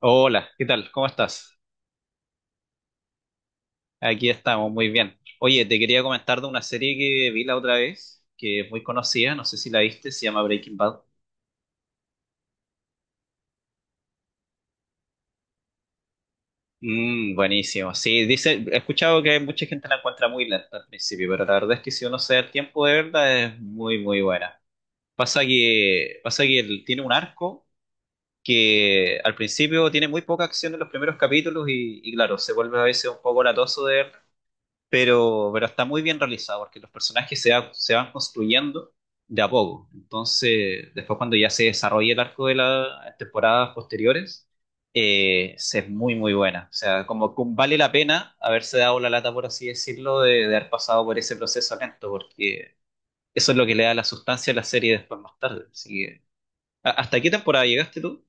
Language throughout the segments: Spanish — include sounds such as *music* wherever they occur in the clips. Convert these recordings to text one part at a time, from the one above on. Hola, ¿qué tal? ¿Cómo estás? Aquí estamos, muy bien. Oye, te quería comentar de una serie que vi la otra vez, que es muy conocida, no sé si la viste, se llama Breaking Bad. Mm, buenísimo. Sí, dice, he escuchado que mucha gente la encuentra muy lenta al principio, pero la verdad es que si uno se da el tiempo de verla es muy, muy buena. Pasa que él tiene un arco que al principio tiene muy poca acción en los primeros capítulos y claro, se vuelve a veces un poco latoso de ver, pero está muy bien realizado porque los personajes se van construyendo de a poco. Entonces, después cuando ya se desarrolla el arco de las temporadas posteriores, se es muy, muy buena. O sea, como que vale la pena haberse dado la lata, por así decirlo, de haber pasado por ese proceso lento, porque eso es lo que le da la sustancia a la serie después más tarde. Así que, ¿hasta qué temporada llegaste tú?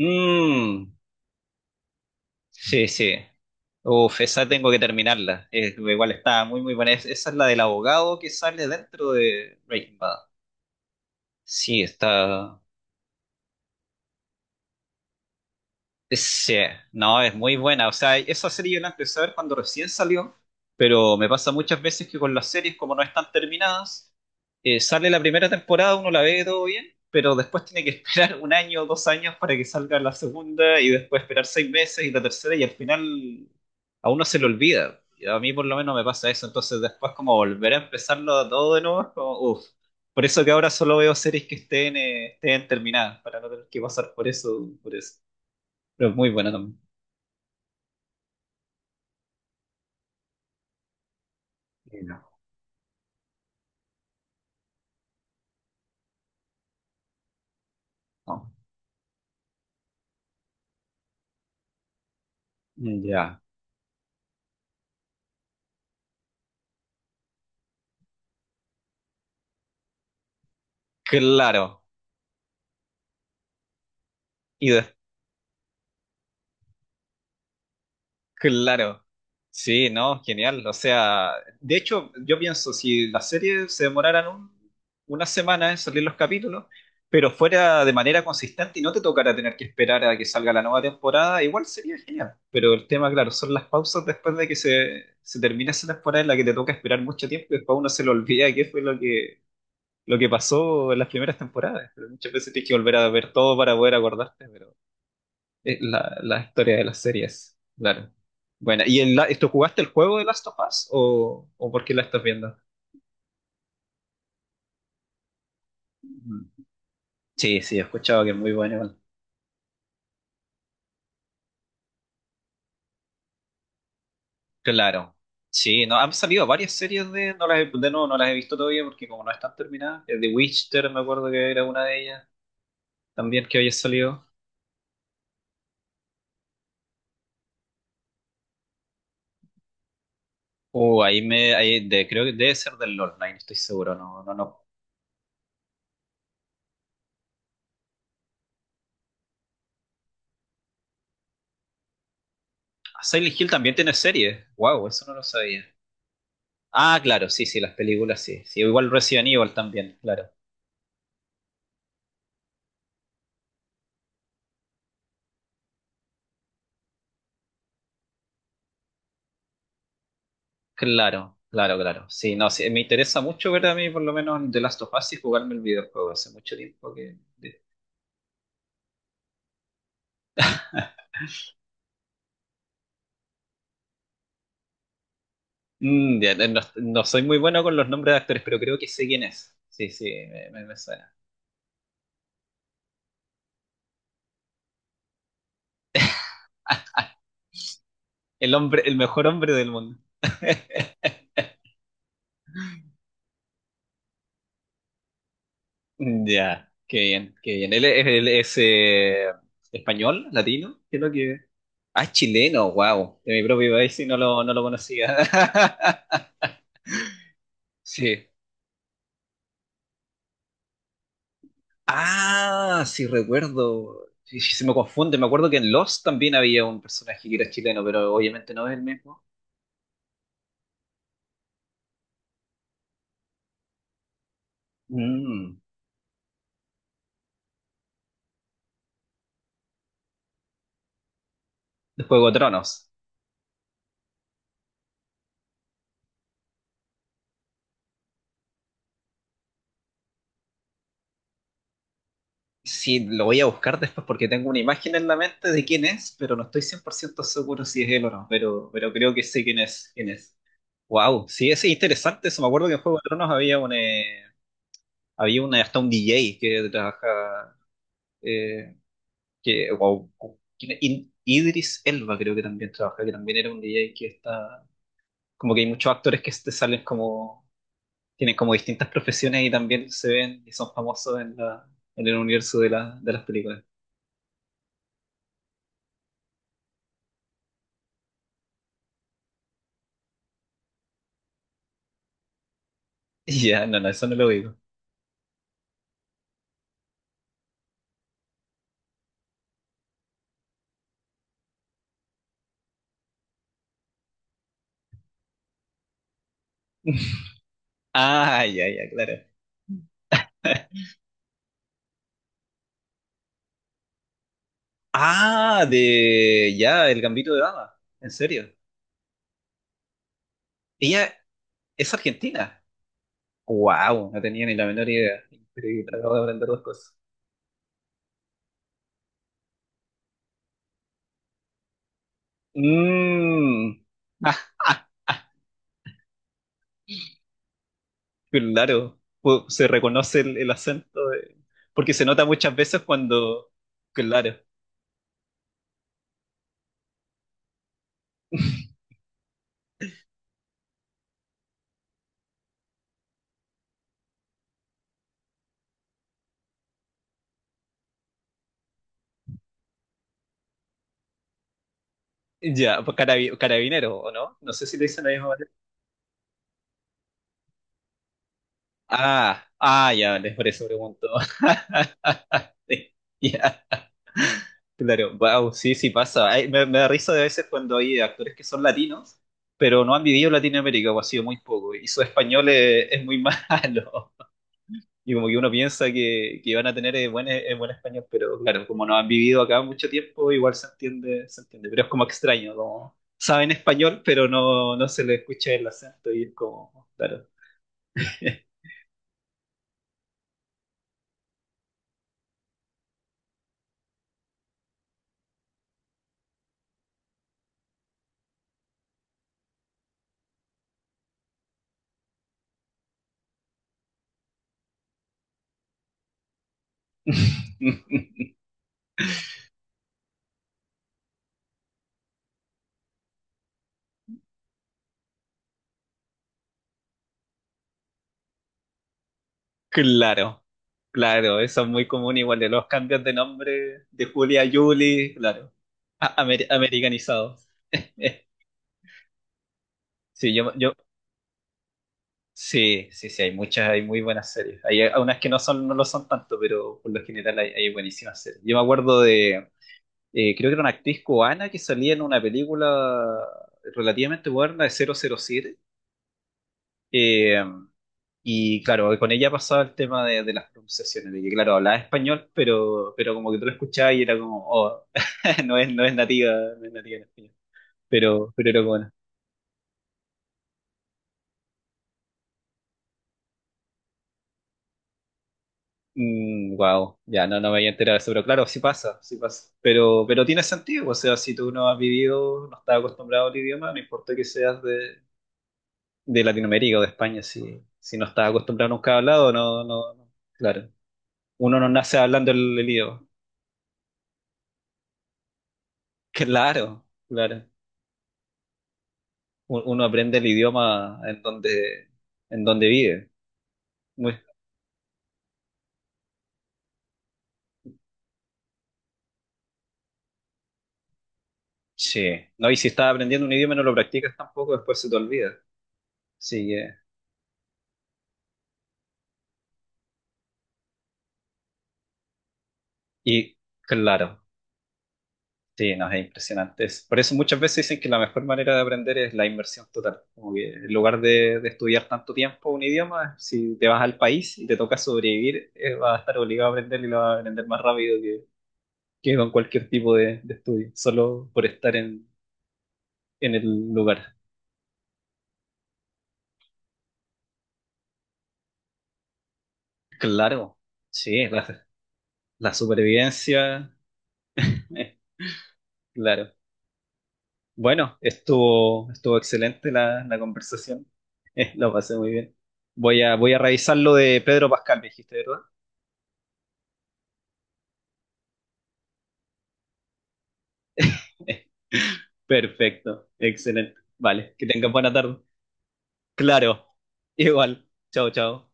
Mm. Sí, sí. Uf, esa tengo que terminarla. Es- igual está muy, muy buena. Es- esa es la del abogado que sale dentro de Breaking Bad. Sí, está. Sí, no, es muy buena. O sea, esa serie yo la empecé a ver cuando recién salió, pero me pasa muchas veces que con las series, como no están terminadas, sale la primera temporada, uno la ve todo bien, pero después tiene que *laughs* esperar un año o dos años para que salga la segunda y después esperar seis meses y la tercera y al final a uno se le olvida. Y a mí por lo menos me pasa eso, entonces después como volver a empezarlo todo de nuevo es como, uff. Por eso que ahora solo veo series que estén, estén terminadas, para no tener que pasar por eso, por eso. Pero es muy bueno también. Y no. ¿No? Ya, claro. Y des-, claro. Sí, no, genial. O sea, de hecho, yo pienso, si las series se demoraran una semana en salir los capítulos, pero fuera de manera consistente y no te tocara tener que esperar a que salga la nueva temporada, igual sería genial. Pero el tema, claro, son las pausas después de que se termina esa temporada en la que te toca esperar mucho tiempo y después uno se le olvida qué fue lo que pasó en las primeras temporadas. Pero muchas veces tienes que volver a ver todo para poder acordarte, pero es la historia de las series, claro. Bueno, tú jugaste el juego de Last of Us o por qué la estás viendo? Ujú. Sí, sí, he escuchado que es muy bueno igual. Claro. Sí, no, han salido varias series de, no las he, de nuevo, no las he visto todavía porque como no están terminadas, The Witcher me acuerdo que era una de ellas, también que había salido. Ahí me, ahí de- creo que debe ser del LOL, no, ahí no estoy seguro, no, no, no. Ah, Silent Hill también tiene serie. Wow, eso no lo sabía. Ah, claro, sí, sí, las películas sí. Sí, igual Resident Evil también, claro. Claro, claro, claro. Sí, no, sí, me interesa mucho ver a mí por lo menos The Last of Us y jugarme el videojuego. Hace mucho tiempo que... de- Mm, ya, no, no soy muy bueno con los nombres de actores, pero creo que sé quién es. Sí, sí, me- me suena. El hombre, el mejor hombre del mundo. *laughs* Ya, qué bien, qué bien. Él es, español, latino, creo que... Ah, es chileno, wow. De mi propio país sí no lo, no lo conocía. *laughs* Sí. Ah, sí recuerdo. Sí, sí, se me confunde. Me acuerdo que en Lost también había un personaje que era chileno, pero obviamente no es el mismo. Mm, de Juego de Tronos. Sí, lo voy a buscar después porque tengo una imagen en la mente de quién es, pero no estoy 100% seguro si es él o no, pero creo que sé quién es, quién es. Wow, sí, es interesante eso. Me acuerdo que en Juego de Tronos había un, había una, hasta un DJ que trabaja que, wow, ¿quién es? In- Idris Elba creo que también trabaja, que también era un DJ que está, como que hay muchos actores que te salen como, tienen como distintas profesiones y también se ven y son famosos en en el universo de de las películas. *laughs* Ya, no, no, eso no lo digo. *laughs* Ah, ya, ya, claro. *laughs* Ah, de ya, El Gambito de Dama. ¿En serio? Ella es argentina. Wow, no tenía ni la menor idea. Increíble, acabo de aprender dos cosas. Mmm. *laughs* Claro, pu- se reconoce el acento, de- porque se nota muchas veces cuando, claro, ya, pues carabi- carabinero, ¿o no? No sé si le dicen la misma manera. Ah, ah, ya, les por eso pregunto. *laughs* Sí. Ya, claro, wow, sí, sí pasa. Ay, me da risa de veces cuando hay actores que son latinos, pero no han vivido en Latinoamérica, o ha sido muy poco, y su español es muy *laughs* malo. Y como que uno piensa que van a tener buen, buen español, pero claro, como no han vivido acá mucho tiempo, igual se entiende, se entiende. Pero es como extraño, como saben español, pero no, no se les escucha el acento y es como, claro. *laughs* Claro, claro, eso es muy común igual de los cambios de nombre de Julia a Julie, claro, A- amer- americanizados. *laughs* Sí, yo, sí, sí, sí, hay muchas, hay muy buenas series. Hay unas que no son, no lo son tanto, pero por lo general hay, hay buenísimas series. Yo me acuerdo de, creo que era una actriz cubana que salía en una película relativamente moderna de 007. eh, y claro, con ella pasaba el tema de las pronunciaciones, de que claro, hablaba español, pero como que tú lo escuchabas y era como, oh, *laughs* no es, no es nativa, no es nativa en español. Pero era bueno. Wow, ya no, no me había enterado de eso, pero claro, sí pasa, sí pasa. Pero tiene sentido, o sea, si tú no has vivido, no estás acostumbrado al idioma, no importa que seas de Latinoamérica o de España, si, si no estás acostumbrado nunca a hablado, no, no, no, claro. Uno no nace hablando el idioma. Claro, claro. U- Uno aprende el idioma en donde vive. Muy- sí. No, y si estás aprendiendo un idioma y no lo practicas tampoco, después se te olvida. Sí, y claro. Sí, no, es impresionante. Es- Por eso muchas veces dicen que la mejor manera de aprender es la inmersión total. Como que en lugar de estudiar tanto tiempo un idioma, si te vas al país y te toca sobrevivir, vas a estar obligado a aprender y lo vas a aprender más rápido que con cualquier tipo de estudio, solo por estar en el lugar. Claro, sí, la supervivencia, eh, claro. Bueno, estuvo, estuvo excelente la conversación. *laughs* Lo pasé muy bien. Voy a, voy a revisar lo de Pedro Pascal, me dijiste, ¿verdad? *laughs* Perfecto, excelente. Vale, que tengas buena tarde. Claro, igual. Chao, chao.